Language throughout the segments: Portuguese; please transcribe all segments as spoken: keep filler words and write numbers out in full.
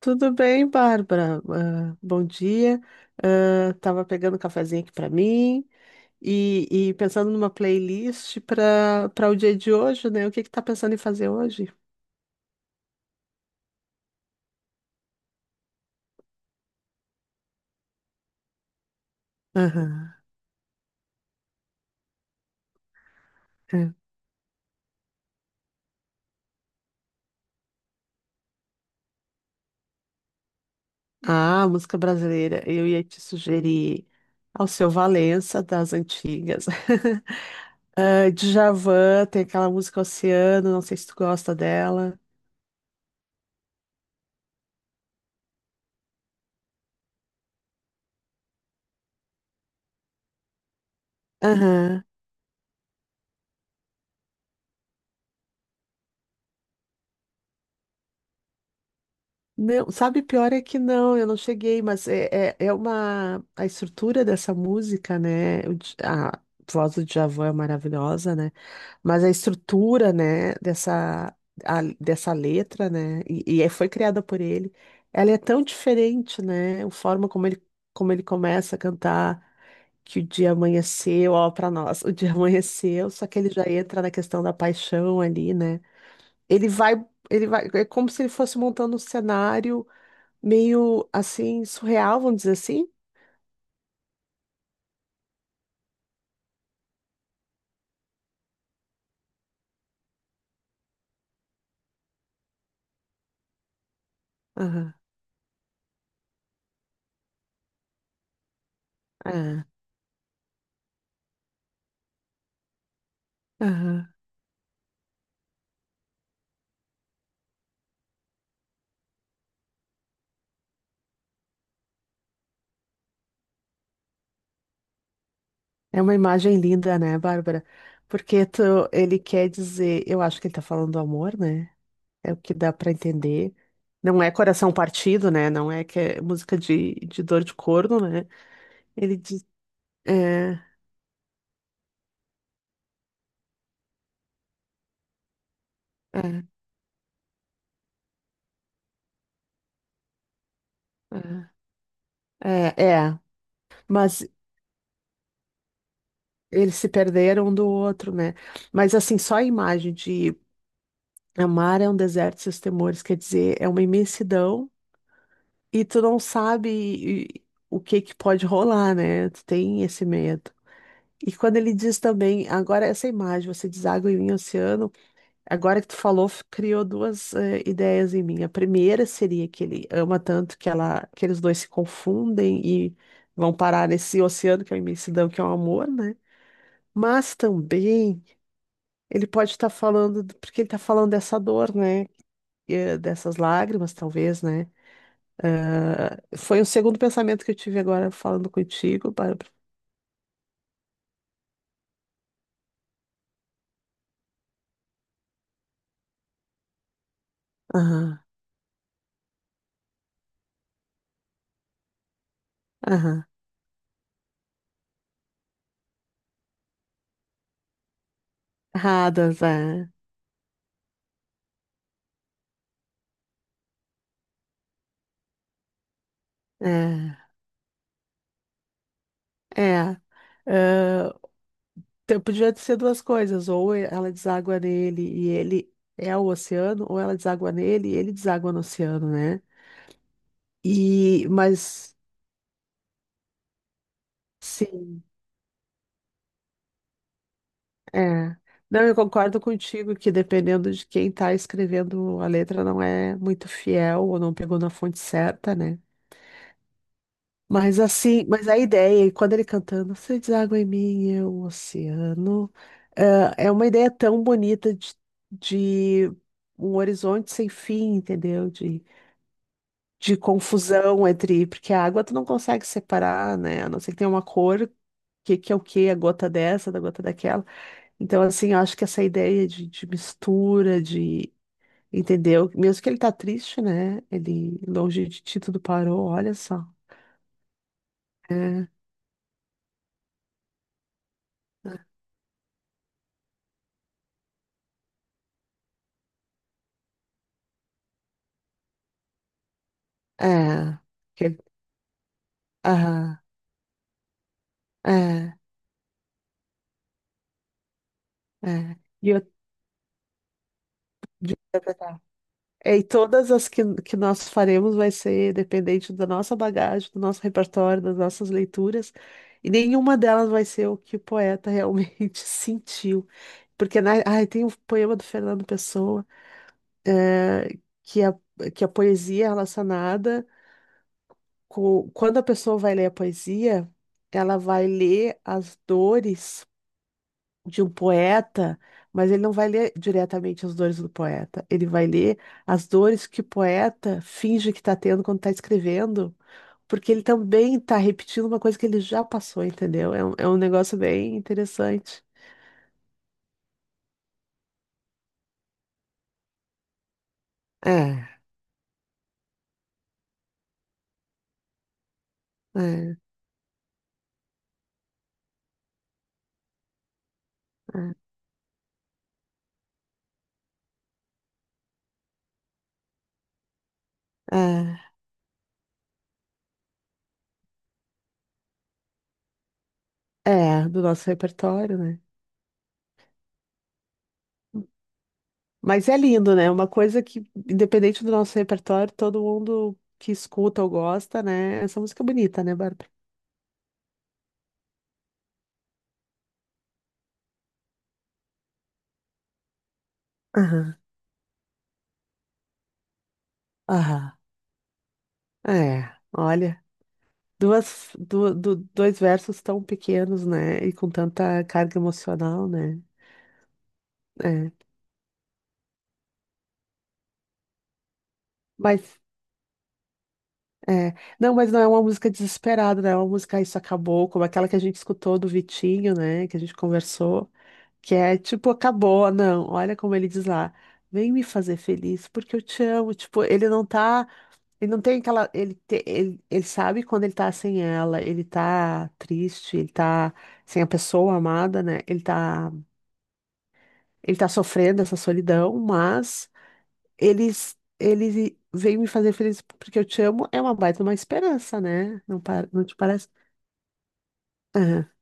Tudo bem, Bárbara? Ah, bom dia. Ah, tava pegando um cafezinho aqui para mim e, e pensando numa playlist para para o dia de hoje, né? O que que tá pensando em fazer hoje? Aham, é. Ah, música brasileira. Eu ia te sugerir ao seu Valença das antigas. Ah, Djavan, tem aquela música Oceano, não sei se tu gosta dela. Aham. Não, sabe, pior é que não, eu não cheguei, mas é, é, é uma. A estrutura dessa música, né? O Dj- a voz do Djavan é maravilhosa, né? Mas a estrutura, né, dessa, a- dessa letra, né? E, e é, foi criada por ele, ela é tão diferente, né? A forma como ele, como ele começa a cantar, que o dia amanheceu, ó, pra nós, o dia amanheceu, só que ele já entra na questão da paixão ali, né? Ele vai. Ele vai, é como se ele fosse montando um cenário meio assim, surreal, vamos dizer assim. Aham, aham, aham. É uma imagem linda, né, Bárbara? Porque tu, ele quer dizer, eu acho que ele tá falando do amor, né? É o que dá pra entender. Não é coração partido, né? Não é que é música de, de dor de corno, né? Ele diz, é, é, é, é, é. Mas eles se perderam um do outro, né? Mas assim, só a imagem de amar é um deserto e seus temores, quer dizer, é uma imensidão. E tu não sabe e- o que que pode rolar, né? Tu tem esse medo. E quando ele diz também, agora essa imagem, você diz água em mim, oceano, agora que tu falou, f- criou duas eh, ideias em mim. A primeira seria que ele ama tanto que ela, que eles dois se confundem e vão parar nesse oceano que é a imensidão, que é o amor, né? Mas também ele pode estar falando, do- porque ele está falando dessa dor, né? Eh, Dessas lágrimas, talvez, né? Ah, foi o segundo pensamento que eu tive agora falando contigo, Bárbara. Aham, aham. Erradas, é. É, é. Ah, te- podia ser duas coisas, ou ela deságua nele e ele é o oceano, ou ela deságua nele e ele deságua no oceano, né? E, mas, sim, é. Não, eu concordo contigo que dependendo de quem tá escrevendo a letra não é muito fiel ou não pegou na fonte certa, né? Mas assim, mas a ideia, e quando ele cantando, você deságua em mim, eu, o oceano, é é uma ideia tão bonita de, de um horizonte sem fim, entendeu? De, de confusão entre, porque a água tu não consegue separar, né? A não ser que tenha uma cor, que, que é o que, a gota dessa, da gota daquela. Então, assim, eu acho que essa ideia de, de mistura, de, entendeu? Mesmo que ele tá triste, né? Ele, longe de ti, tudo parou, olha só. É. É. Aham, é, é. E eu, de interpretar. É, e todas as que, que nós faremos vai ser dependente da nossa bagagem, do nosso repertório, das nossas leituras, e nenhuma delas vai ser o que o poeta realmente sentiu. Porque na, ai, tem o poema do Fernando Pessoa, eh, que, a, que a poesia é relacionada com. Quando a pessoa vai ler a poesia, ela vai ler as dores de um poeta, mas ele não vai ler diretamente as dores do poeta. Ele vai ler as dores que o poeta finge que está tendo quando está escrevendo, porque ele também está repetindo uma coisa que ele já passou, entendeu? É um, é um negócio bem interessante. É, é, é, é, é, do nosso repertório, né? Mas é lindo, né? Uma coisa que, independente do nosso repertório, todo mundo que escuta ou gosta, né? Essa música é bonita, né, Bárbara? Aham, aham. É, olha. Duas, du- du- dois versos tão pequenos, né? E com tanta carga emocional, né? É. Mas, é. Não, mas não é uma música desesperada, né? É uma música "Ah, Isso Acabou", como aquela que a gente escutou do Vitinho, né? Que a gente conversou, que é tipo, acabou, não. Olha como ele diz lá. Vem me fazer feliz, porque eu te amo. Tipo, ele não tá. Ele não tem aquela. Ele, te- ele, ele sabe quando ele tá sem ela, ele tá triste, ele tá sem a pessoa amada, né? Ele tá. Ele tá sofrendo essa solidão, mas eles ele veio me fazer feliz porque eu te amo é uma baita uma esperança, né? Não, pa- não te parece? Ah,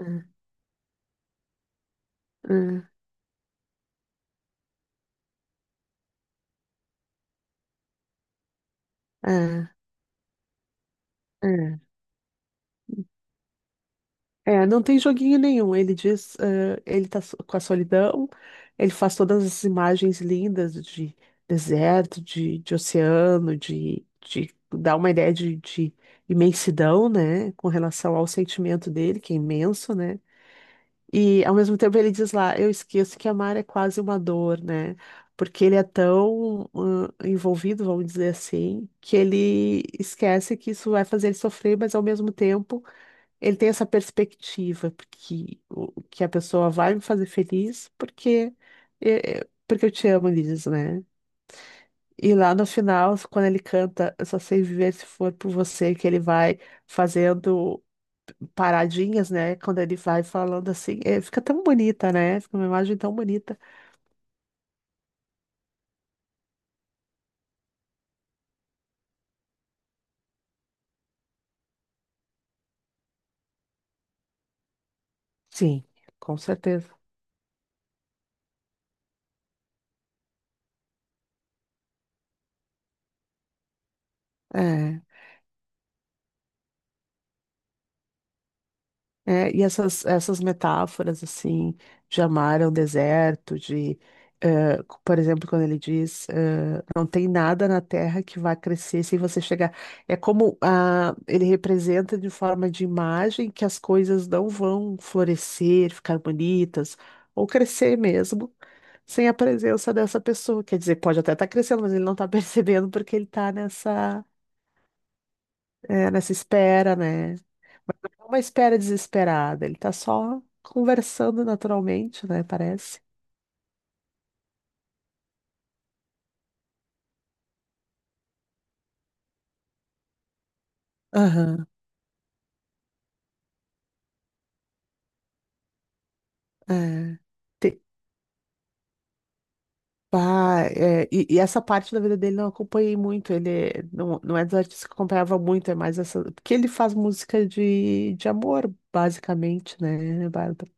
ah, ah, ah, ah. É, não tem joguinho nenhum. Ele diz, ah, ele tá so- com a solidão, ele faz todas as imagens lindas de deserto, de, de oceano, de, de dá uma ideia de, de imensidão, né? Com relação ao sentimento dele, que é imenso, né? E ao mesmo tempo ele diz lá, eu esqueço que amar é quase uma dor, né? Porque ele é tão hum, envolvido, vamos dizer assim, que ele esquece que isso vai fazer ele sofrer, mas ao mesmo tempo ele tem essa perspectiva porque o- que a pessoa vai me fazer feliz porque é, é, porque eu te amo, ele diz, né? E lá no final, quando ele canta, eu só sei viver se for por você, que ele vai fazendo paradinhas, né? Quando ele vai falando assim, é, fica tão bonita, né? Fica uma imagem tão bonita. Sim, com certeza. É. É, e essas, essas metáforas, assim, de amar ao deserto, de, eh, por exemplo, quando ele diz, eh, não tem nada na terra que vá crescer sem você chegar. É como ah, ele representa de forma de imagem que as coisas não vão florescer, ficar bonitas, ou crescer mesmo, sem a presença dessa pessoa. Quer dizer, pode até estar crescendo, mas ele não está percebendo porque ele está nessa, eh, nessa espera, né? É uma espera desesperada. Ele tá só conversando naturalmente, né? Parece. Aham. É. Te- pá, é, e, e essa parte da vida dele não acompanhei muito. Ele é- não, não é dos artistas que eu acompanhava muito, é mais essa. Porque ele faz música de, de amor, basicamente, né, né, Bárbara?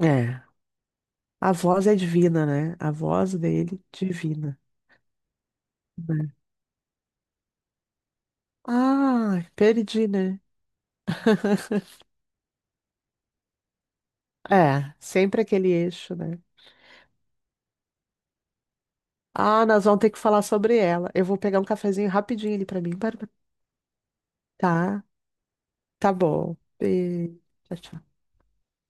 É. A voz é divina, né? A voz dele, divina. Né? Ah, perdi, né? É, sempre aquele eixo, né? Ah, nós vamos ter que falar sobre ela. Eu vou pegar um cafezinho rapidinho ali pra mim, Bárbara. Tá, tá bom. Beijo. Tchau, tchau.